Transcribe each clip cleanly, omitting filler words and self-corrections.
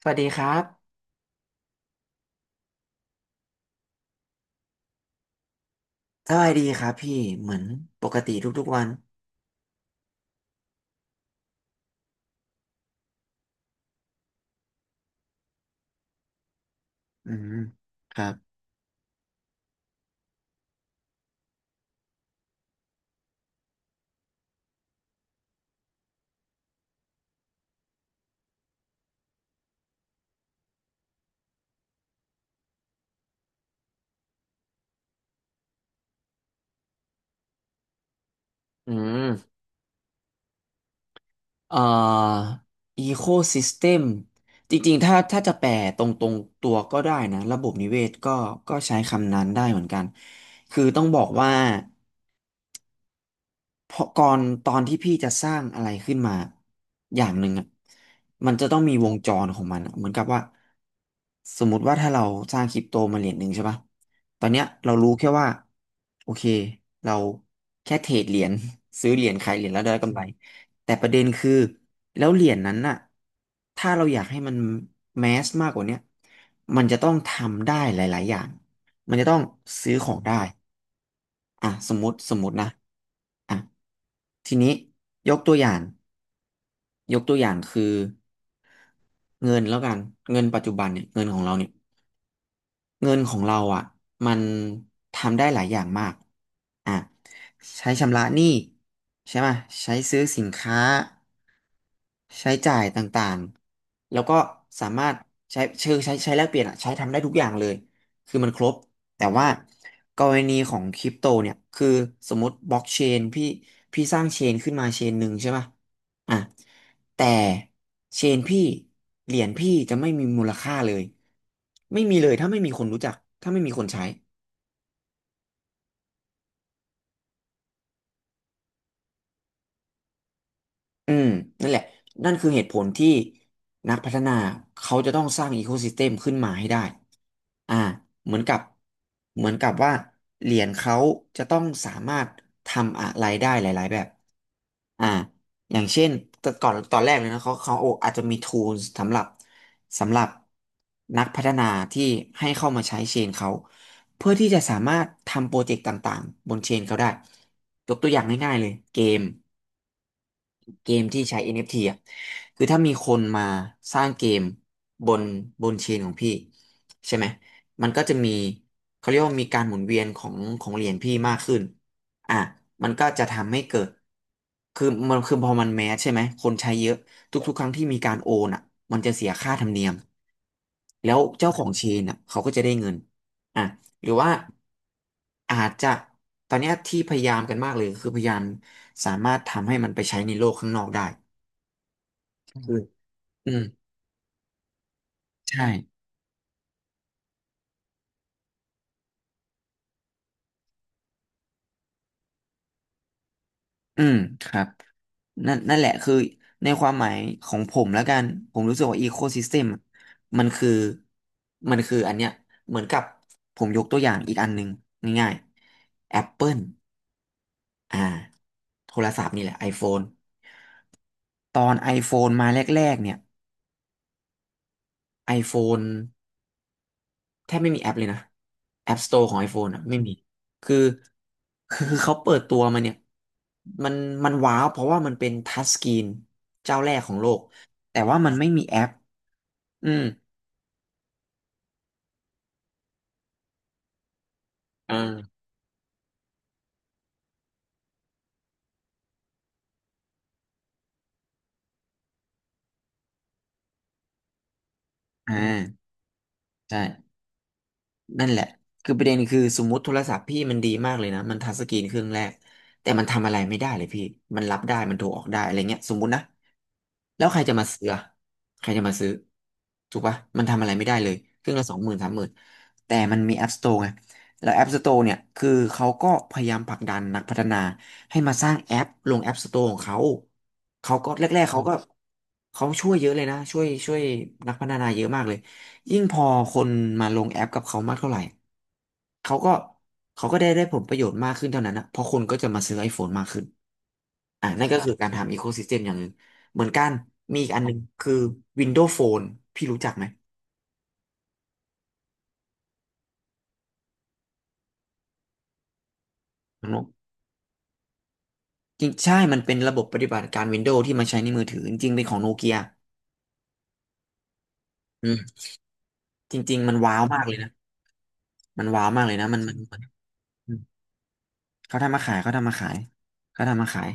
สวัสดีครับสบายดีครับพี่ เหมือนปกติทุกๆวัน อืม ครับ อืม เอ่อ ecosystem จริงๆ ถ้าจะแปลตรงๆตัวก็ได้นะ ระบบนิเวศก็ใช้คำนั้นได้เหมือนกัน คือต้องบอกว่า เพราะก่อนตอนที่พี่จะสร้างอะไรขึ้นมาอย่างหนึ่งอ่ะมันจะต้องมีวงจรของมันอะเหมือนกับว่าสมมติว่าถ้าเราสร้างคริปโตมาเหรียญหนึ่งใช่ปะตอนเนี้ยเรารู้แค่ว่าโอเคเราแค่เทรดเหรียญ ซื้อเหรียญขายเหรียญแล้วได้กำไรแต่ประเด็นคือแล้วเหรียญนั้นน่ะถ้าเราอยากให้มันแมสมากกว่าเนี้ยมันจะต้องทำได้หลายๆอย่างมันจะต้องซื้อของได้ อ่ะสมมตินะอ่ะทีนี้ยกตัวอย่างยกตัวอย่างคือเงินแล้วกันเงินปัจจุบันเนี่ยเงินของเราเนี่ย เงินของเราอ่ะมันทำได้หลายอย่างมากอ่ะใช้ชำระหนี้ใช่ไหมใช้ซื้อสินค้าใช้จ่ายต่างๆแล้วก็สามารถใช้เชิงใช้แลกเปลี่ยนอ่ะใช้ทำได้ทุกอย่างเลยคือมันครบแต่ว่ากรณีของคริปโตเนี่ยคือสมมติบล็อกเชนพี่สร้างเชนขึ้นมาเชนหนึ่งใช่ไหม อ่ะแต่เชนพี่เหรียญพี่จะไม่มีมูลค่าเลยไม่มีเลยถ้าไม่มีคนรู้จักถ้าไม่มีคนใช้ อืมนั่นแหละ นั่นคือเหตุผลที่นักพัฒนาเขาจะต้องสร้างอีโคซิสเต็มขึ้นมาให้ได้อ่าเหมือนกับเหมือนกับว่าเหรียญเขาจะต้องสามารถทำอะไรได้หลายๆแบบอ่าอย่างเช่นแต่ก่อนตอนแรกเลยนะเขาโออาจจะมี tools สำหรับนักพัฒนาที่ให้เข้ามาใช้เชนเขาเพื่อที่จะสามารถทำโปรเจกต์ต่างๆบนเชนเขาได้ยกตัวอย่างง่ายๆเลยเกม เกมที่ใช้ NFT อนเอฟทีอ่ะคือถ้ามีคนมาสร้างเกมบนบนเชนของพี่ใช่ไหมมันก็จะมีเขาเรียกว่ามีการหมุนเวียนของเหรียญพี่มากขึ้นอ่ะมันก็จะทำให้เกิด คือมันคือพอมันแมสใช่ไหม คนใช้เยอะ ทุกๆครั้งที่มีการโอนอ่ะมันจะเสียค่าธรรมเนียม แล้วเจ้าของเชนอ่ะเขาก็จะได้เงินอ่ะ หรือว่าอาจจะตอนเนี้ยที่พยายามกันมากเลยคือพยายามสามารถทำให้มันไปใช้ในโลกข้างนอกได้คืออืมใช่อืมครับนั่นแหละคือในความหมายของผมแล้วกันผมรู้สึกว่าอีโคซิสเต็มมันคือมันคืออันเนี้ยเหมือนกับผมยกตัวอย่างอีกอันหนึ่งง่ายๆ Apple อ่าโทรศัพท์นี่แหละ iPhone ตอน iPhone มาแรกๆเนี่ย iPhone แทบไม่มีแอปเลยนะ App Store ของ iPhone อ่ะไม่มีคือคือเขาเปิดตัวมาเนี่ยมันมันว้าวเพราะว่ามันเป็นทัชสกรีนเจ้าแรกของโลกแต่ว่ามันไม่มีแอปอืมอ่าอ่าใช่ นั่นแหละคือประเด็นคือสมมติโทรศัพท์พี่มันดีมากเลยนะ มันทัชสกรีนเครื่องแรกแต่มันทำอะไรไม่ได้เลยพี่มันรับได้ มันโทรออกได้อะไรเงี้ยสมมตินะแล้วใครจะมาซื้ออะใครจะมาซื้อถูกปะมันทำอะไรไม่ได้เลยเครื่องละ20,00030,000แต่มันมี App Store ไงแล้ว App Store เนี่ยคือเขาก็พยายามผลักดันนักพัฒนาให้มาสร้างแอปลง App Store ของเขาเขาก็แรกๆเขาก็เขาช่วยเยอะเลยนะช่วยนักพัฒนาเยอะมากเลย ยิ่งพอคนมาลงแอปกับเขามากเท่าไหร่เขาก็เขาก็ได้ผลประโยชน์มากขึ้นเท่านั้นนะเพราะคนก็จะมาซื้อ iPhone มากขึ้นอ่ะนั่นก็คือการทำอีโคซิสเต็มอย่างหนึ่งเหมือนกัน มีอีกอันหนึ่งคือ Windows Phone พี่รู้จักไหมน้องนกจริงใช่มันเป็นระบบปฏิบัติการ Windows ที่มาใช้ในมือถือจริงๆเป็นของโนเกียอืมจริงๆมันว้าวมากเลยนะ มันว้าวมากเลยนะมันอืมเขาทำมาขายเขาทำมาขายเขาทำมาขาย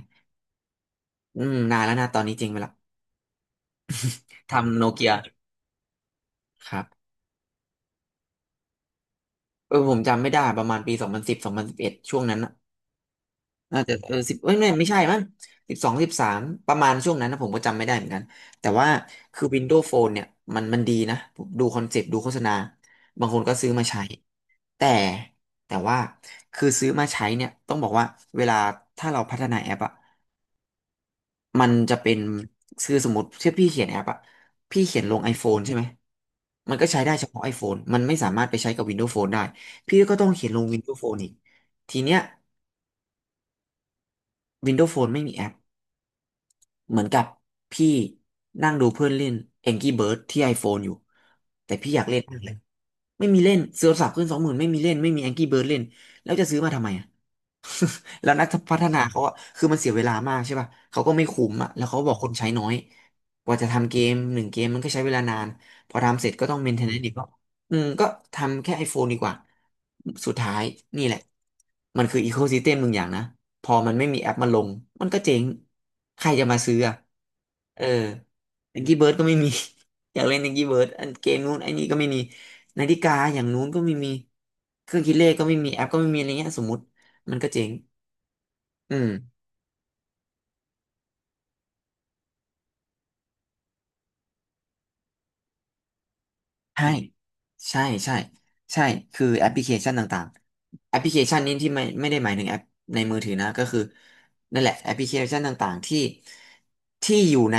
อืมนานแล้วนะตอนนี้จริงไปละทำโนเกียครับ เออผมจำไม่ได้ประมาณปีสองพันสิบ2011ช่วงนั้นน่ะน่าจะเออสิบเอ้ยไม่ไม่ใช่มั้งสิบสอง13ประมาณช่วงนั้นนะผมก็จำไม่ได้เหมือนกันแต่ว่าคือ Windows Phone เนี่ยมันดีนะผมดูคอนเซ็ปต์ดูโฆษณาบางคนก็ซื้อมาใช้แต่แต่ว่าคือซื้อมาใช้เนี่ยต้องบอกว่าเวลาถ้าเราพัฒนาแอปอะ มันจะเป็นคือสมมติที่พี่เขียนแอปอะพี่เขียนลง iPhone ใช่ไหม มันก็ใช้ได้เฉพาะ iPhone มันไม่สามารถไปใช้กับ Windows Phone ได้ พี่ก็ต้องเขียนลง Windows Phone อีก ทีเนี้ย Windows Phone ไม่มีแอป เหมือนกับพี่นั่งดูเพื่อนเล่น Angry Birds ที่ iPhone อยู่ แต่พี่อยากเล่นมากเลย ไม่มีเล่นซื้อโทัพขึ้น20,000ไม่มีเล่นไม่มีแองกี้เบิร์ดเล่นแล้วจะซื้อมาทำไมอ่ะ แล้วนักพัฒนาเขาอะคือมันเสียเวลามากใช่ป่ะเขาก็ไม่คุ้มอ่ะแล้วเขาบอกคนใช้น้อยกว่าจะทำเกมหนึ่งเกมมันก็ใช้เวลานานพอทำเสร็จก็ต้องเมนเทนแนนซ์อีกก็อืมก็ทำแค่ iPhone ดีกว่าสุดท้ายนี่แหละมันคืออีโคซิสเต็มหนึ่งอย่างนะพอมันไม่มีแอปมาลงมันก็เจ๊งใครจะมาซื้ออะเออแองกี้เบิร์ดก็ไม่มี อยากเล่นนิกกี้เบิร์ดอันเกมนู้นไอ้นี่ก็ไม่มีนาฬิกาอย่างนู้นก็ไม่มีเครื่องคิดเลขก็ไม่มีแอปก็ไม่มีอะไรเงี้ยสมมติมันก็เจ๊งอืมใช่ใช่ใช่ใช่คือแอปพลิเคชันต่างๆแอปพลิเคชันนี้ที่ไม่ได้หมายถึงแอปในมือถือนะก็คือนั่นแหละแอปพลิเคชันต่างๆที่ที่อยู่ใน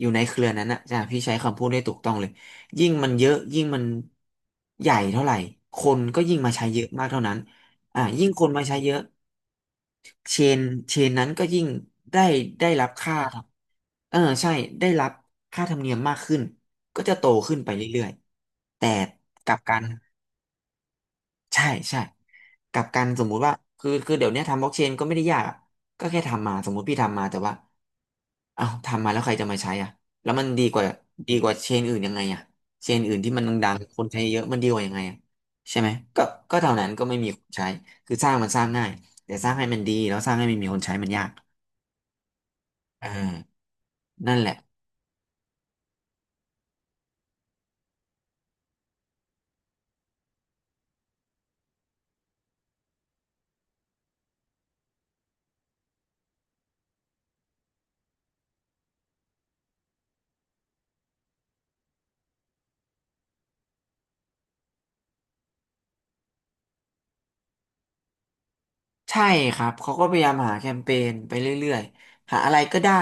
อยู่ในเครือนั้นนะจ้ะพี่ใช้คำพูดได้ถูกต้องเลยยิ่งมันเยอะยิ่งมันใหญ่เท่าไหร่คนก็ยิ่งมาใช้เยอะมากเท่านั้นอ่ะยิ่งคนมาใช้เยอะ เชนนั้นก็ยิ่งได้ได้รับค่าครับเออใช่ได้รับค่าธรรมเนียมมากขึ้นก็จะโตขึ้นไปเรื่อยๆแต่กลับกันใช่ใช่กลับกันสมมุติว่าคือเดี๋ยวเนี้ยทำบล็อกเชนก็ไม่ได้ยากอะก็แค่ทำมาสมมุติพี่ทำมาแต่ว่าเอ้าทำมาแล้วใครจะมาใช้อ่ะแล้วมันดีกว่าเชนอื่นยังไงอ่ะเชนอื่นที่มันดังๆคนใช้เยอะมันดีกว่ายังไงอ่ะใช่ไหมก็ก็เท่านั้นก็ไม่มีคนใช้คือสร้างมันสร้างง่ายแต่สร้างให้มันดีแล้วสร้างให้มันมีคนใช้มันยาก อ่านั่นแหละ ใช่ครับ เขาก็พยายามหาแคมเปญไปเรื่อยๆ หาอะไรก็ได้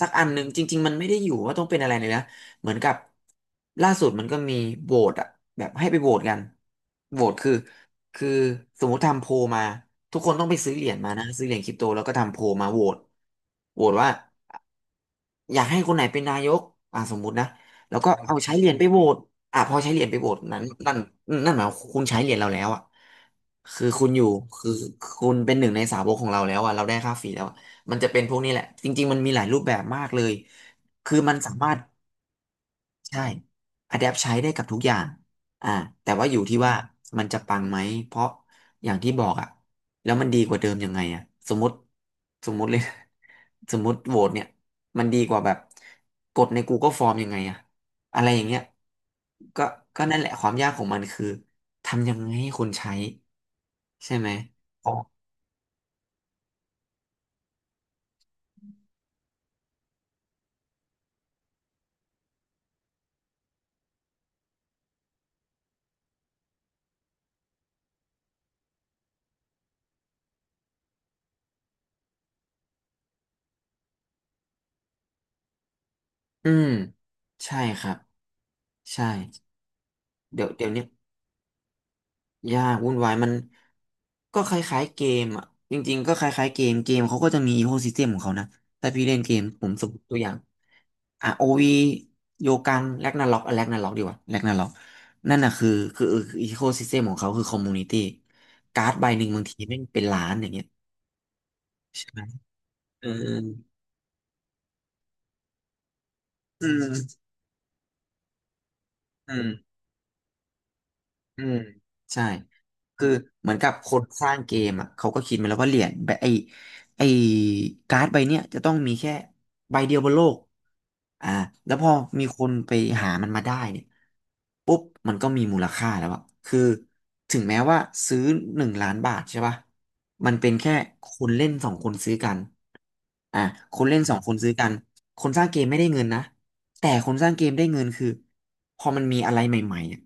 สักอันหนึ่งจริงๆ มันไม่ได้อยู่ว่าต้องเป็นอะไรเลยนะเหมือนกับล่าสุดมันก็มีโหวตอะแบบให้ไปโหวตกันโหวตคือคือสมมติทำโพลมา ทุกคนต้องไปซื้อเหรียญมานะ ซื้อเหรียญคริปโตแล้วก็ทำโพลมาโหวตโหวตว่า อยากให้คนไหนเป็นนายกอ่าสมมุตินะแล้วก็เอาใช้เหรียญไปโหวตอ่าพอใช้เหรียญไปโหวตนั้นนั่นนั่นหมายความคุณใช้เหรียญเราแล้วอ่ะคือคุณอยู่คือคุณเป็นหนึ่งในสาวกของเราแล้วอ่ะเราได้ค่าฟรีแล้วอะมันจะเป็นพวกนี้แหละ จริงๆมันมีหลายรูปแบบมากเลย คือมันสามารถ ใช่ Adapt ใช้ได้กับทุกอย่างอ่าแต่ว่าอยู่ที่ว่ามันจะปังไหม เพราะอย่างที่บอกอะแล้วมันดีกว่าเดิมยังไงอะสมมติสมมติเลย สมมติโหวตเนี่ย มันดีกว่าแบบกดใน Google Form ยังไงอะอะไรอย่างเงี้ยก็ก็นั่นแหละความยากของมันคือทำยังไงให้คนใช้ใช่ไหมอ๋ออืมใช่ครับใช่เดี๋ยวเดี๋ยวนี้ ยากวุ่นวายมันก็คล้ายๆเกมอ่ะจริงๆก็คล้ายๆเกมเกมเขาก็จะมีอีโคซิสเต็มของเขานะถ้าพี่เล่นเกมผมสมมติตัวอย่างอ่ะโอวีโยกังแรกนาล็อกแรกนาล็อกดีกว่าแรกนาล็อกนั่นน่ะคือคืออีโคซิสเต็มของเขาคือคอมมูนิตี้การ์ดใบหนึ่งบางทีแม่งเป็นล้านอย่างเงี้ยใช่ไหมเอออืมอืม อืมใช่คือเหมือนกับคนสร้างเกมอ่ะเขาก็คิดมาแล้วว่าเหรียญแบบไอ้การ์ดใบเนี้ยจะต้องมีแค่ใบเดียวบนโลกอ่าแล้วพอมีคนไปหามันมาได้เนี่ยปุ๊บมันก็มีมูลค่าแล้วอะคือถึงแม้ว่าซื้อ1,000,000 บาทใช่ป่ะมันเป็นแค่คนเล่นสองคนซื้อกันอ่าคนเล่นสองคนซื้อกันคนสร้างเกมไม่ได้เงินนะแต่คนสร้างเกมได้เงินคือพอมันมีอะไรใหม่ๆอะ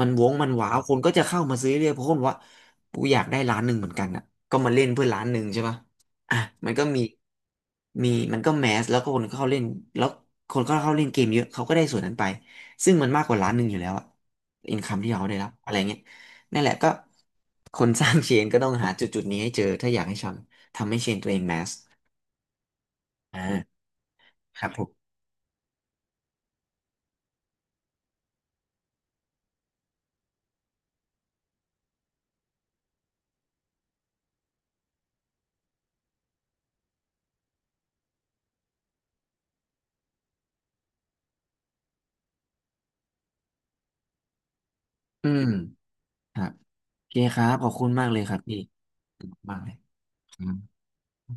มันวงมันหวาวคนก็จะเข้ามาซื้อเรื่อยเพราะคนบอกว่ากูอยากได้ร้านหนึ่งเหมือนกันอ่ะก็มาเล่นเพื่อร้านหนึ่งใช่ปะอ่ะมันก็มีมันก็แมสแล้วก็คนเข้าเล่นแล้วคนก็เข้าเล่นเกมเยอะเขาก็ได้ส่วนนั้นไปซึ่งมันมากกว่าร้านหนึ่งอยู่แล้วอะอินคัมที่เขาได้รับอะไรเงี้ยนั่นแหละก็คนสร้างเชนก็ต้องหาจุดนี้ให้เจอถ้าอยากให้ทำให้เชนตัวเองแมสอ่าครับผมอืมครับโอเคครับขอบคุณมากเลยครับพี่ขอบคุณมากเลยครับ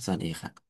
สวัสดีครับ